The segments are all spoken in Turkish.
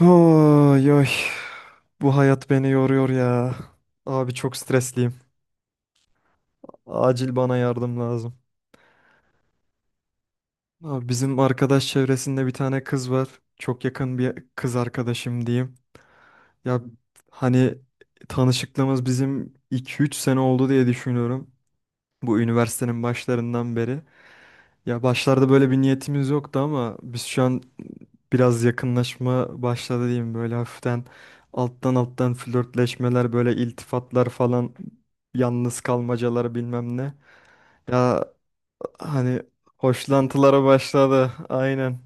Oy, oy. Bu hayat beni yoruyor ya. Abi çok stresliyim. Acil bana yardım lazım. Abi bizim arkadaş çevresinde bir tane kız var. Çok yakın bir kız arkadaşım diyeyim. Ya hani tanışıklığımız bizim 2-3 sene oldu diye düşünüyorum. Bu üniversitenin başlarından beri. Ya başlarda böyle bir niyetimiz yoktu ama biz şu an biraz yakınlaşma başladı diyeyim, böyle hafiften alttan alttan flörtleşmeler, böyle iltifatlar falan, yalnız kalmacalar bilmem ne. Ya hani hoşlantılara başladı aynen.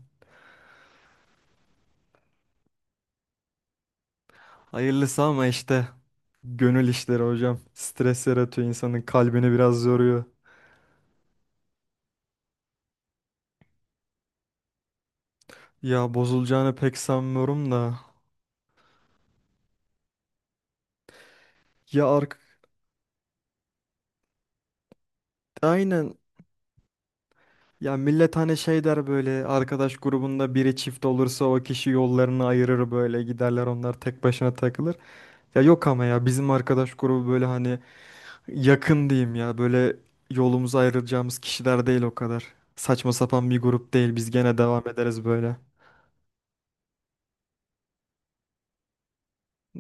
Hayırlısı, ama işte gönül işleri hocam. Stres yaratıyor, insanın kalbini biraz yoruyor. Ya bozulacağını pek sanmıyorum da. Ya aynen. Ya millet hani şey der, böyle arkadaş grubunda biri çift olursa o kişi yollarını ayırır, böyle giderler, onlar tek başına takılır. Ya yok, ama ya bizim arkadaş grubu böyle hani yakın diyeyim ya, böyle yolumuzu ayrılacağımız kişiler değil o kadar. Saçma sapan bir grup değil, biz gene devam ederiz böyle.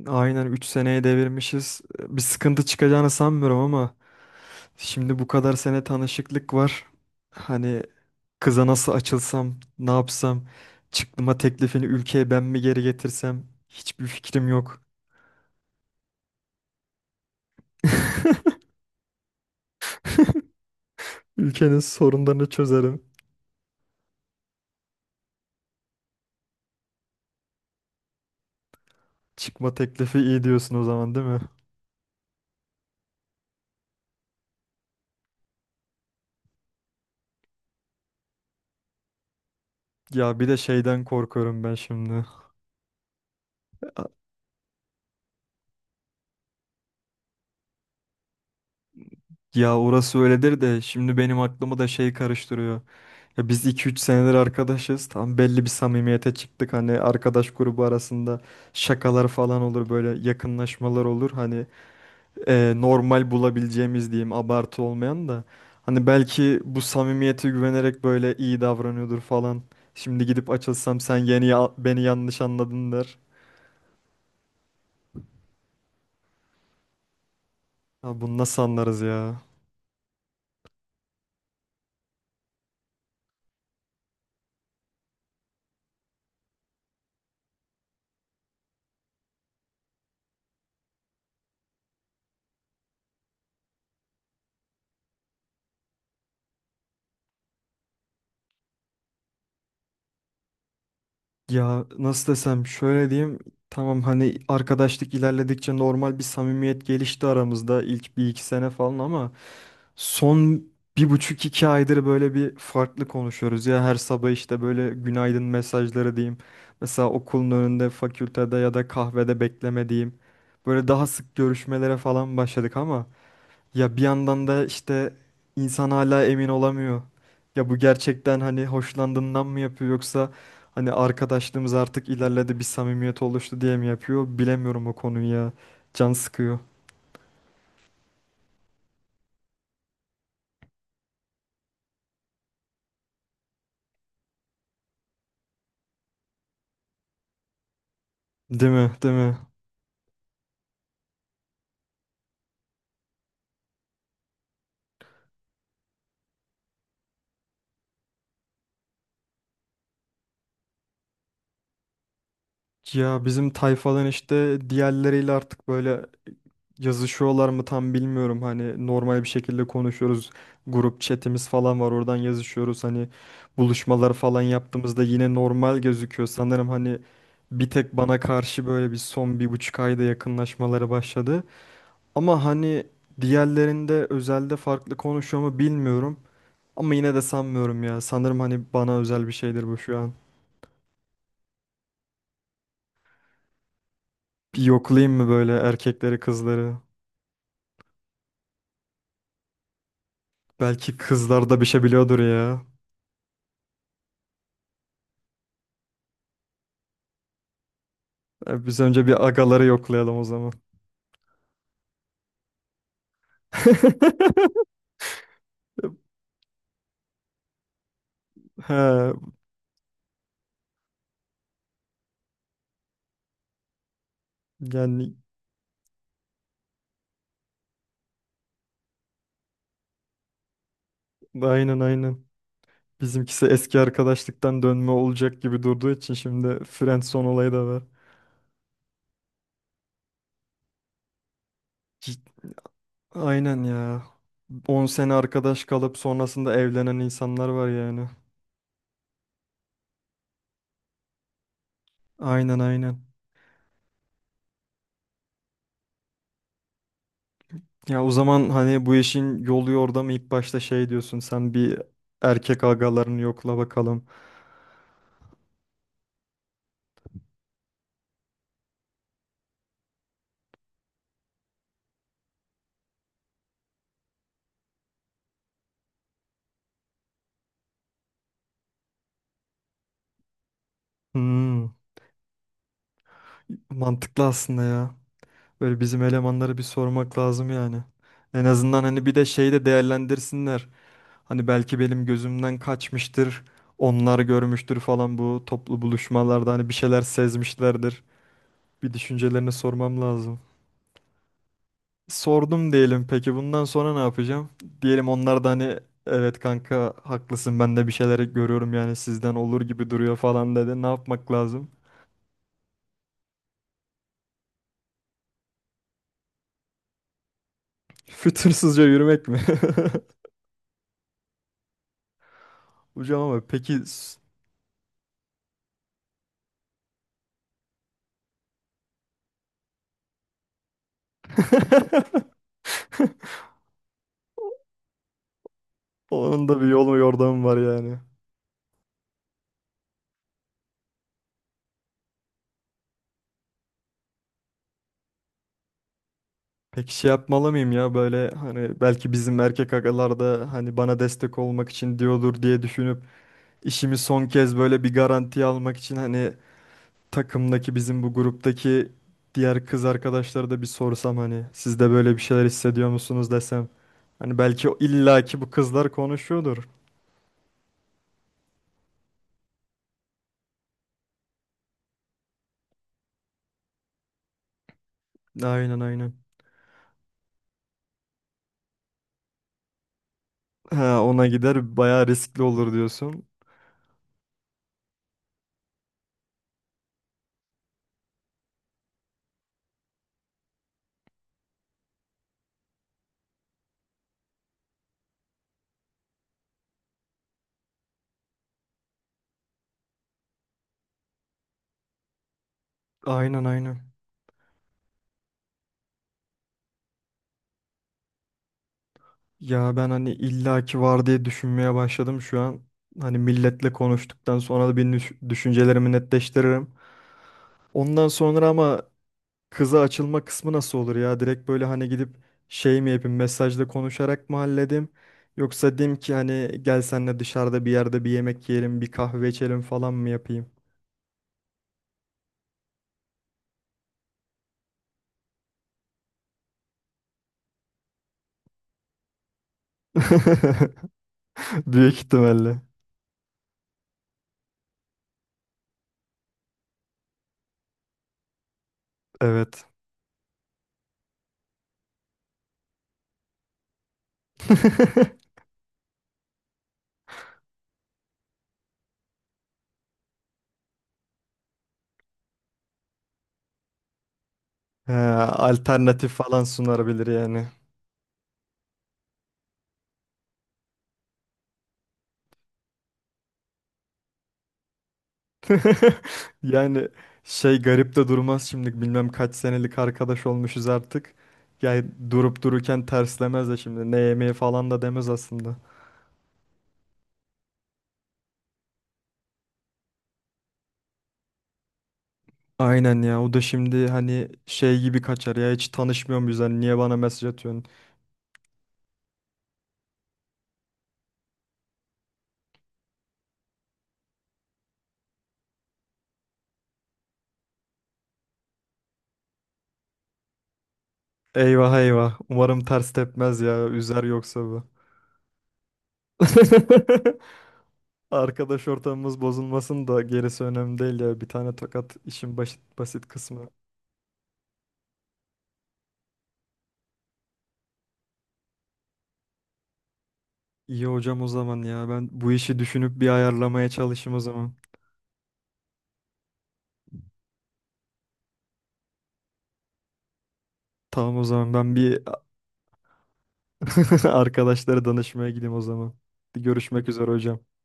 Aynen, 3 seneye devirmişiz. Bir sıkıntı çıkacağını sanmıyorum, ama şimdi bu kadar sene tanışıklık var. Hani, kıza nasıl açılsam, ne yapsam, çıktıma teklifini ülkeye ben mi geri getirsem, hiçbir fikrim yok. Ülkenin sorunlarını çözerim. Çıkma teklifi iyi diyorsun o zaman, değil mi? Ya bir de şeyden korkuyorum ben şimdi. Ya orası öyledir de, şimdi benim aklımı da şey karıştırıyor. Ya biz 2-3 senedir arkadaşız. Tam belli bir samimiyete çıktık. Hani arkadaş grubu arasında şakalar falan olur, böyle yakınlaşmalar olur. Hani normal bulabileceğimiz diyeyim, abartı olmayan da. Hani belki bu samimiyete güvenerek böyle iyi davranıyordur falan. Şimdi gidip açılsam, sen beni yanlış anladın der. Ya bunu nasıl anlarız ya? Ya nasıl desem, şöyle diyeyim: tamam, hani arkadaşlık ilerledikçe normal bir samimiyet gelişti aramızda ilk 1-2 sene falan, ama son 1,5-2 aydır böyle bir farklı konuşuyoruz ya. Her sabah işte böyle günaydın mesajları diyeyim. Mesela okulun önünde, fakültede ya da kahvede bekleme diyeyim. Böyle daha sık görüşmelere falan başladık, ama ya bir yandan da işte insan hala emin olamıyor. Ya bu gerçekten hani hoşlandığından mı yapıyor, yoksa hani arkadaşlığımız artık ilerledi, bir samimiyet oluştu diye mi yapıyor, bilemiyorum o konuyu ya. Can sıkıyor. Değil mi? Değil mi? Ya bizim tayfadan işte diğerleriyle artık böyle yazışıyorlar mı, tam bilmiyorum. Hani normal bir şekilde konuşuyoruz. Grup chatimiz falan var, oradan yazışıyoruz. Hani buluşmalar falan yaptığımızda yine normal gözüküyor. Sanırım hani bir tek bana karşı böyle bir son 1,5 ayda yakınlaşmaları başladı. Ama hani diğerlerinde özelde farklı konuşuyor mu, bilmiyorum. Ama yine de sanmıyorum ya. Sanırım hani bana özel bir şeydir bu şu an. Bir yoklayayım mı böyle erkekleri, kızları? Belki kızlar da bir şey biliyordur ya. E, biz önce bir agaları yoklayalım o zaman. He, yani aynen aynen. Bizimkisi eski arkadaşlıktan dönme olacak gibi durduğu için şimdi friendzone olayı da var. Cid- Aynen ya. 10 sene arkadaş kalıp sonrasında evlenen insanlar var yani. Aynen aynen. Ya o zaman hani bu işin yolu orada mı? İlk başta şey diyorsun sen: bir erkek agalarını yokla bakalım. Hmm, mantıklı aslında ya. Böyle bizim elemanlara bir sormak lazım yani. En azından hani bir de şeyi de değerlendirsinler. Hani belki benim gözümden kaçmıştır. Onlar görmüştür falan, bu toplu buluşmalarda hani bir şeyler sezmişlerdir. Bir düşüncelerini sormam lazım. Sordum diyelim, peki bundan sonra ne yapacağım? Diyelim onlar da hani evet kanka haklısın, ben de bir şeyleri görüyorum, yani sizden olur gibi duruyor falan dedi. Ne yapmak lazım? Fütursuzca yürümek mi? Hocam ama peki, onun da bir yolu yordamı var yani. Peki şey yapmalı mıyım ya? Böyle hani belki bizim erkek agalar da hani bana destek olmak için diyordur diye düşünüp, işimi son kez böyle bir garantiye almak için hani takımdaki, bizim bu gruptaki diğer kız arkadaşları da bir sorsam hani, siz de böyle bir şeyler hissediyor musunuz desem. Hani belki illaki bu kızlar konuşuyordur. Aynen aynen. Ha, ona gider bayağı riskli olur diyorsun. Aynen aynen. Ya ben hani illaki var diye düşünmeye başladım şu an. Hani milletle konuştuktan sonra da bir düşüncelerimi netleştiririm. Ondan sonra ama kıza açılma kısmı nasıl olur ya? Direkt böyle hani gidip şey mi yapayım, mesajla konuşarak mı halledeyim? Yoksa diyeyim ki hani gel senle dışarıda bir yerde bir yemek yiyelim, bir kahve içelim falan mı yapayım? Büyük ihtimalle. Evet. He, alternatif falan sunabilir yani. Yani şey garip de durmaz şimdi, bilmem kaç senelik arkadaş olmuşuz artık. Yani durup dururken terslemez de, şimdi ne yemeği falan da demez aslında. Aynen ya, o da şimdi hani şey gibi kaçar ya, hiç tanışmıyor muyuz hani, niye bana mesaj atıyorsun? Eyvah eyvah, umarım ters tepmez ya, üzer yoksa bu. Arkadaş ortamımız bozulmasın da gerisi önemli değil ya, bir tane tokat işin basit kısmı. İyi hocam o zaman ya. Ben bu işi düşünüp bir ayarlamaya çalışayım o zaman. Tamam o zaman, ben bir arkadaşlara danışmaya gideyim o zaman. Bir görüşmek üzere hocam.